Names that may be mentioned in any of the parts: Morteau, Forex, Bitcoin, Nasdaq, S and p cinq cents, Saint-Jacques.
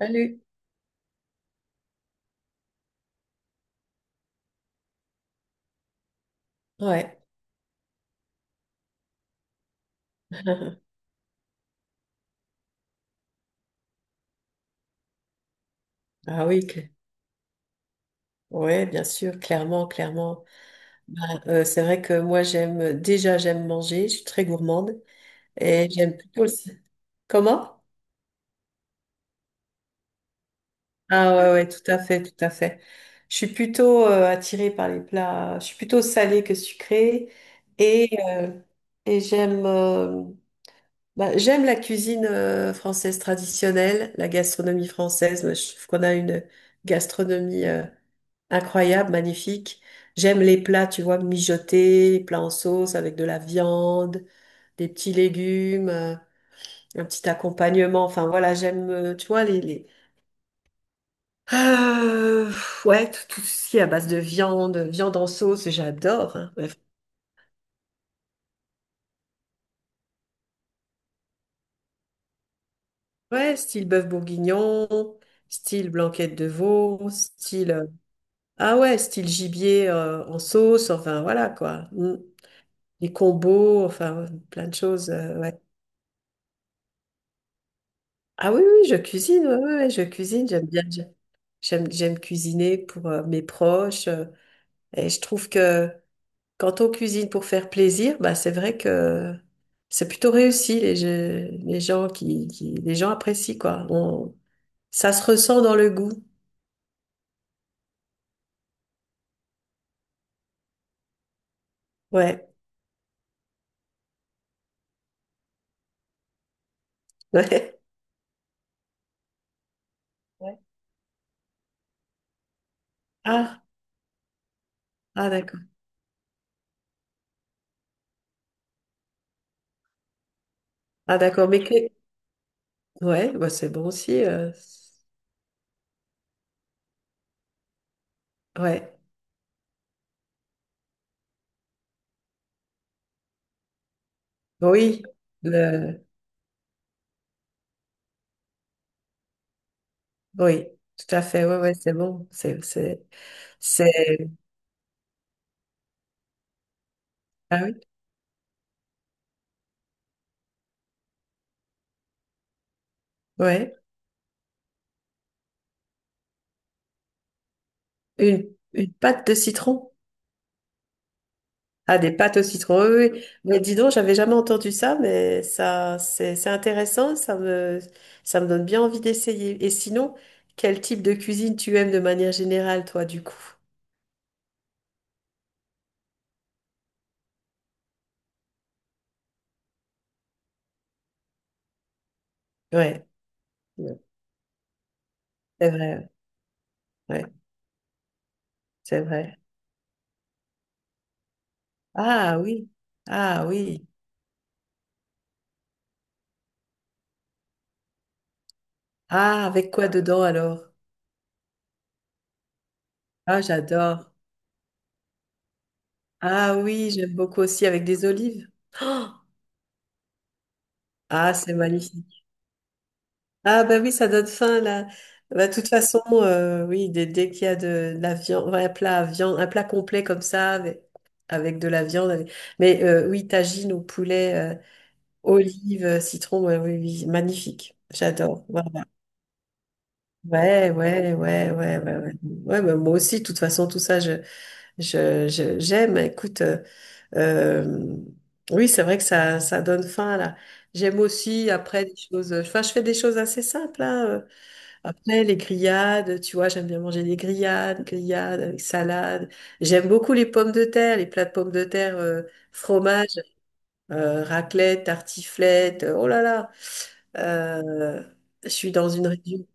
Salut. Ouais. Ah oui, ouais, bien sûr, clairement, clairement. Bah, c'est vrai que moi j'aime déjà j'aime manger, je suis très gourmande et j'aime plutôt le. Comment? Ah ouais, ouais, tout à fait, tout à fait. Je suis plutôt attirée par les plats, je suis plutôt salée que sucrée et, euh, et j'aime la cuisine française traditionnelle, la gastronomie française. Je trouve qu'on a une gastronomie incroyable, magnifique. J'aime les plats, tu vois, mijotés, plats en sauce avec de la viande, des petits légumes, un petit accompagnement. Enfin voilà, j'aime, tu vois, Euh, ouais, tout ce qui est à base de viande, viande en sauce, j'adore, hein. Bref. Ouais, style bœuf bourguignon, style blanquette de veau, ah ouais, style gibier en sauce, enfin voilà quoi. Mm. Les combos, enfin plein de choses, ouais. Ah oui, oui, je cuisine, ouais, ouais, ouais, je cuisine, j'aime bien, j'aime cuisiner pour mes proches. Et je trouve que quand on cuisine pour faire plaisir, bah, c'est vrai que c'est plutôt réussi, les gens les gens apprécient, quoi. Ça se ressent dans le goût. Ouais. Ouais. Ouais. Ah, ah, d'accord. Ah, d'accord. Mais que, ouais, bah, c'est bon aussi. Ouais. Oui. Le, oui, tout à fait. Ouais, ouais, c'est bon. C'est, ah oui. Ouais. Une, une pâte de citron. Ah, des pâtes au citron. Oui, oui. Mais dis donc, j'avais jamais entendu ça, mais ça, c'est intéressant. Ça me donne bien envie d'essayer. Et sinon, quel type de cuisine tu aimes de manière générale, toi, du coup? Ouais. Ouais. C'est vrai. Ouais, ouais, c'est vrai. Ah oui. Ah oui. Ah, avec quoi dedans alors? Ah, j'adore. Ah oui, j'aime beaucoup aussi avec des olives. Ah, c'est magnifique. Ah bah oui, ça donne faim là. Bah, de toute façon, oui, dès qu'il y a la viande, ouais, un plat à viande, un plat complet comme ça, avec de la viande. Mais oui, tagine au poulet, olives, citron, ouais, oui, oui, magnifique. J'adore. Voilà. Ouais, ouais, ouais, ouais, ouais, ouais. Ouais, bah, moi aussi, de toute façon, tout ça, j'aime. Écoute, euh, oui, c'est vrai que ça donne faim là. J'aime aussi après des choses. Enfin, je fais des choses assez simples, hein. Après, les grillades, tu vois, j'aime bien manger des grillades, grillades avec salade. J'aime beaucoup les pommes de terre, les plats de pommes de terre, fromage, raclette, tartiflette. Oh là là, Euh, je suis dans une région.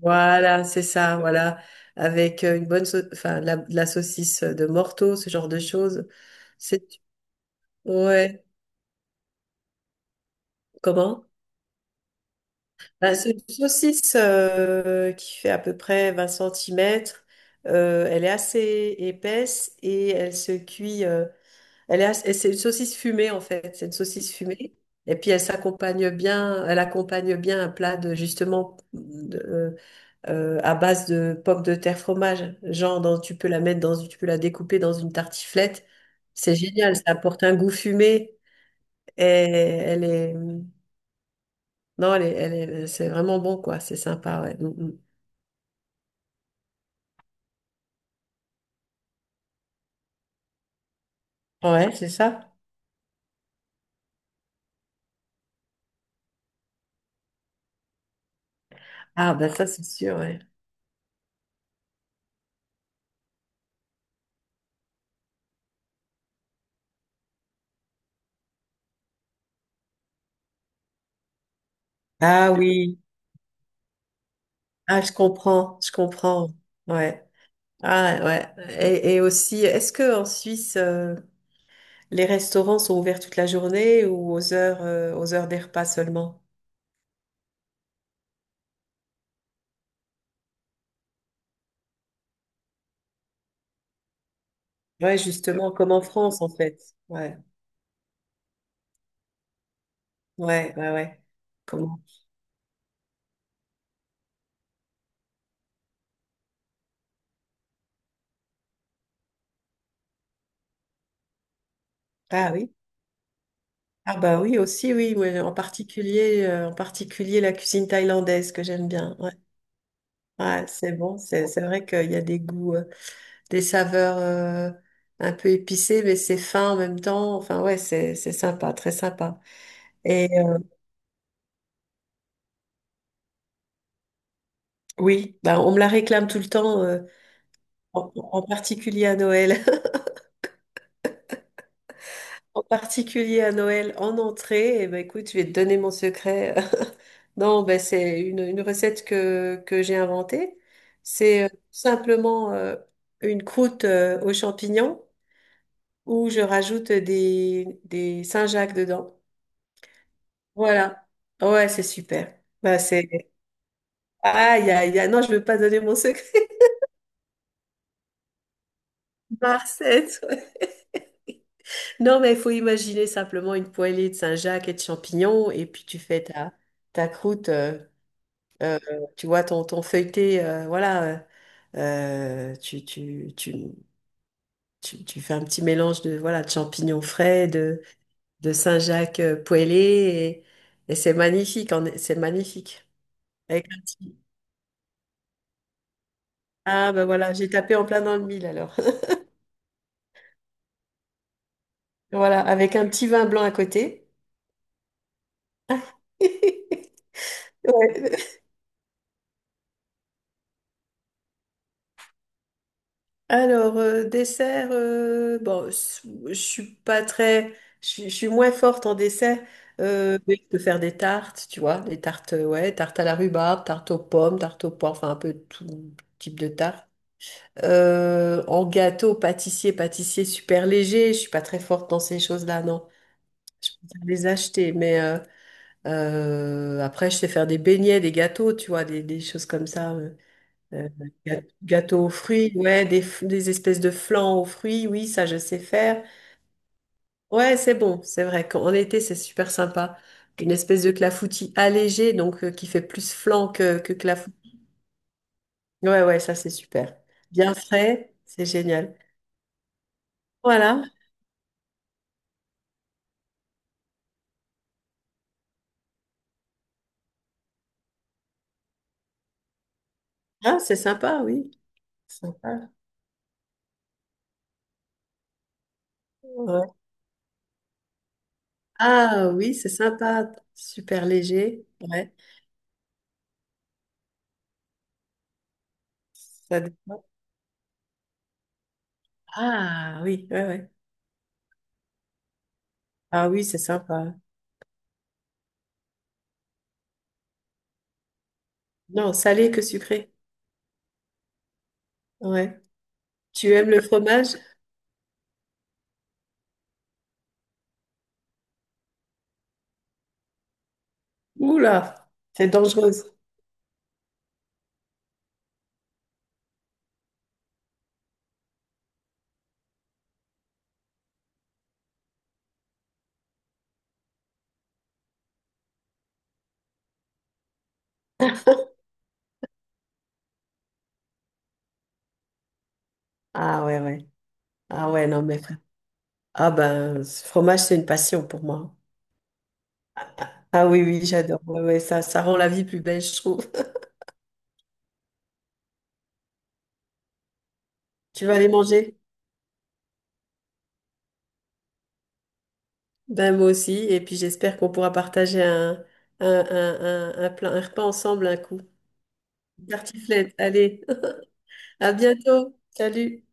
Voilà, c'est ça, voilà. Avec une bonne, enfin, de la saucisse de Morteau, ce genre de choses. C'est, ouais, comment? Bah, c'est une saucisse qui fait à peu près 20 cm. Elle est assez épaisse et elle se cuit. Et c'est une saucisse fumée en fait. C'est une saucisse fumée. Et puis elle s'accompagne bien. Elle accompagne bien un plat à base de pommes de terre fromage. Genre tu peux la découper dans une tartiflette. C'est génial. Ça apporte un goût fumé et elle est non, c'est vraiment bon, quoi. C'est sympa, ouais. Mm, mm. Ouais, c'est ça. Ah, ben ça, c'est sûr, ouais. Ah oui. Ah, je comprends, je comprends. Ouais. Ah, ouais. Et aussi, est-ce que en Suisse, les restaurants sont ouverts toute la journée ou aux heures des repas seulement? Ouais, justement, comme en France, en fait. Ouais, ouais, ouais, ouais. Comment? Ah oui. Ah bah oui, aussi, oui, ouais. En particulier, la cuisine thaïlandaise que j'aime bien. Ouais. Ouais, c'est bon. C'est vrai qu'il y a des goûts, des saveurs un peu épicées, mais c'est fin en même temps. Enfin, ouais, c'est sympa, très sympa. Et oui, bah, on me la réclame tout le temps, en particulier à Noël. En particulier à Noël, en entrée. Et ben écoute, je vais te donner mon secret. Non, ben, c'est une recette que j'ai inventée. C'est simplement une croûte aux champignons, ou je rajoute des Saint-Jacques dedans. Voilà. Ouais, c'est super. Bah. Aïe, aïe, aïe. Non, je veux pas donner mon secret. Marcette. Ouais. Non, mais il faut imaginer simplement une poêlée de Saint-Jacques et de champignons, et puis tu fais ta croûte, euh, tu vois, ton feuilleté, voilà. euh, euh, tu, tu, tu, tu fais un petit mélange de, voilà, de champignons frais, de Saint-Jacques poêlé, et c'est magnifique, c'est magnifique. Avec un petit- Ah ben voilà, j'ai tapé en plein dans le mille alors. Voilà, avec un petit vin blanc à côté. Ouais. Alors, dessert, bon, je suis pas très, je suis moins forte en dessert, mais je peux faire des tartes, tu vois, des tartes, ouais, tartes à la rhubarbe, tartes aux pommes, tartes au porc, enfin un peu tout type de tarte. En gâteau, pâtissier super léger, je suis pas très forte dans ces choses-là, non. Je peux les acheter, mais après, je sais faire des beignets, des gâteaux, tu vois, des choses comme ça. Euh, ga- Gâteaux aux fruits, ouais, des espèces de flans aux fruits, oui, ça, je sais faire. Ouais, c'est bon, c'est vrai qu'en été, c'est super sympa. Une espèce de clafoutis allégé, donc qui fait plus flan que clafoutis. Ouais, ouais, ça, c'est super. Bien frais, c'est génial. Voilà, ah, c'est sympa, oui. Sympa. Ouais. Ah oui, c'est sympa, super léger, ouais. Ça dépend. Ah oui, ouais, ouais. Ah oui, c'est sympa. Non, salé que sucré. Ouais. Tu aimes le fromage? Oula, c'est dangereuse. Ah ouais, ouais. Ah ouais, non, mais frère. Ah ben, ce fromage, c'est une passion pour moi. Ah oui, oui, j'adore. Ouais, ouais, ça rend la vie plus belle, je trouve. Tu vas aller manger? Ben moi aussi. Et puis j'espère qu'on pourra partager un repas ensemble un coup. Tartiflette, allez. À bientôt. Salut.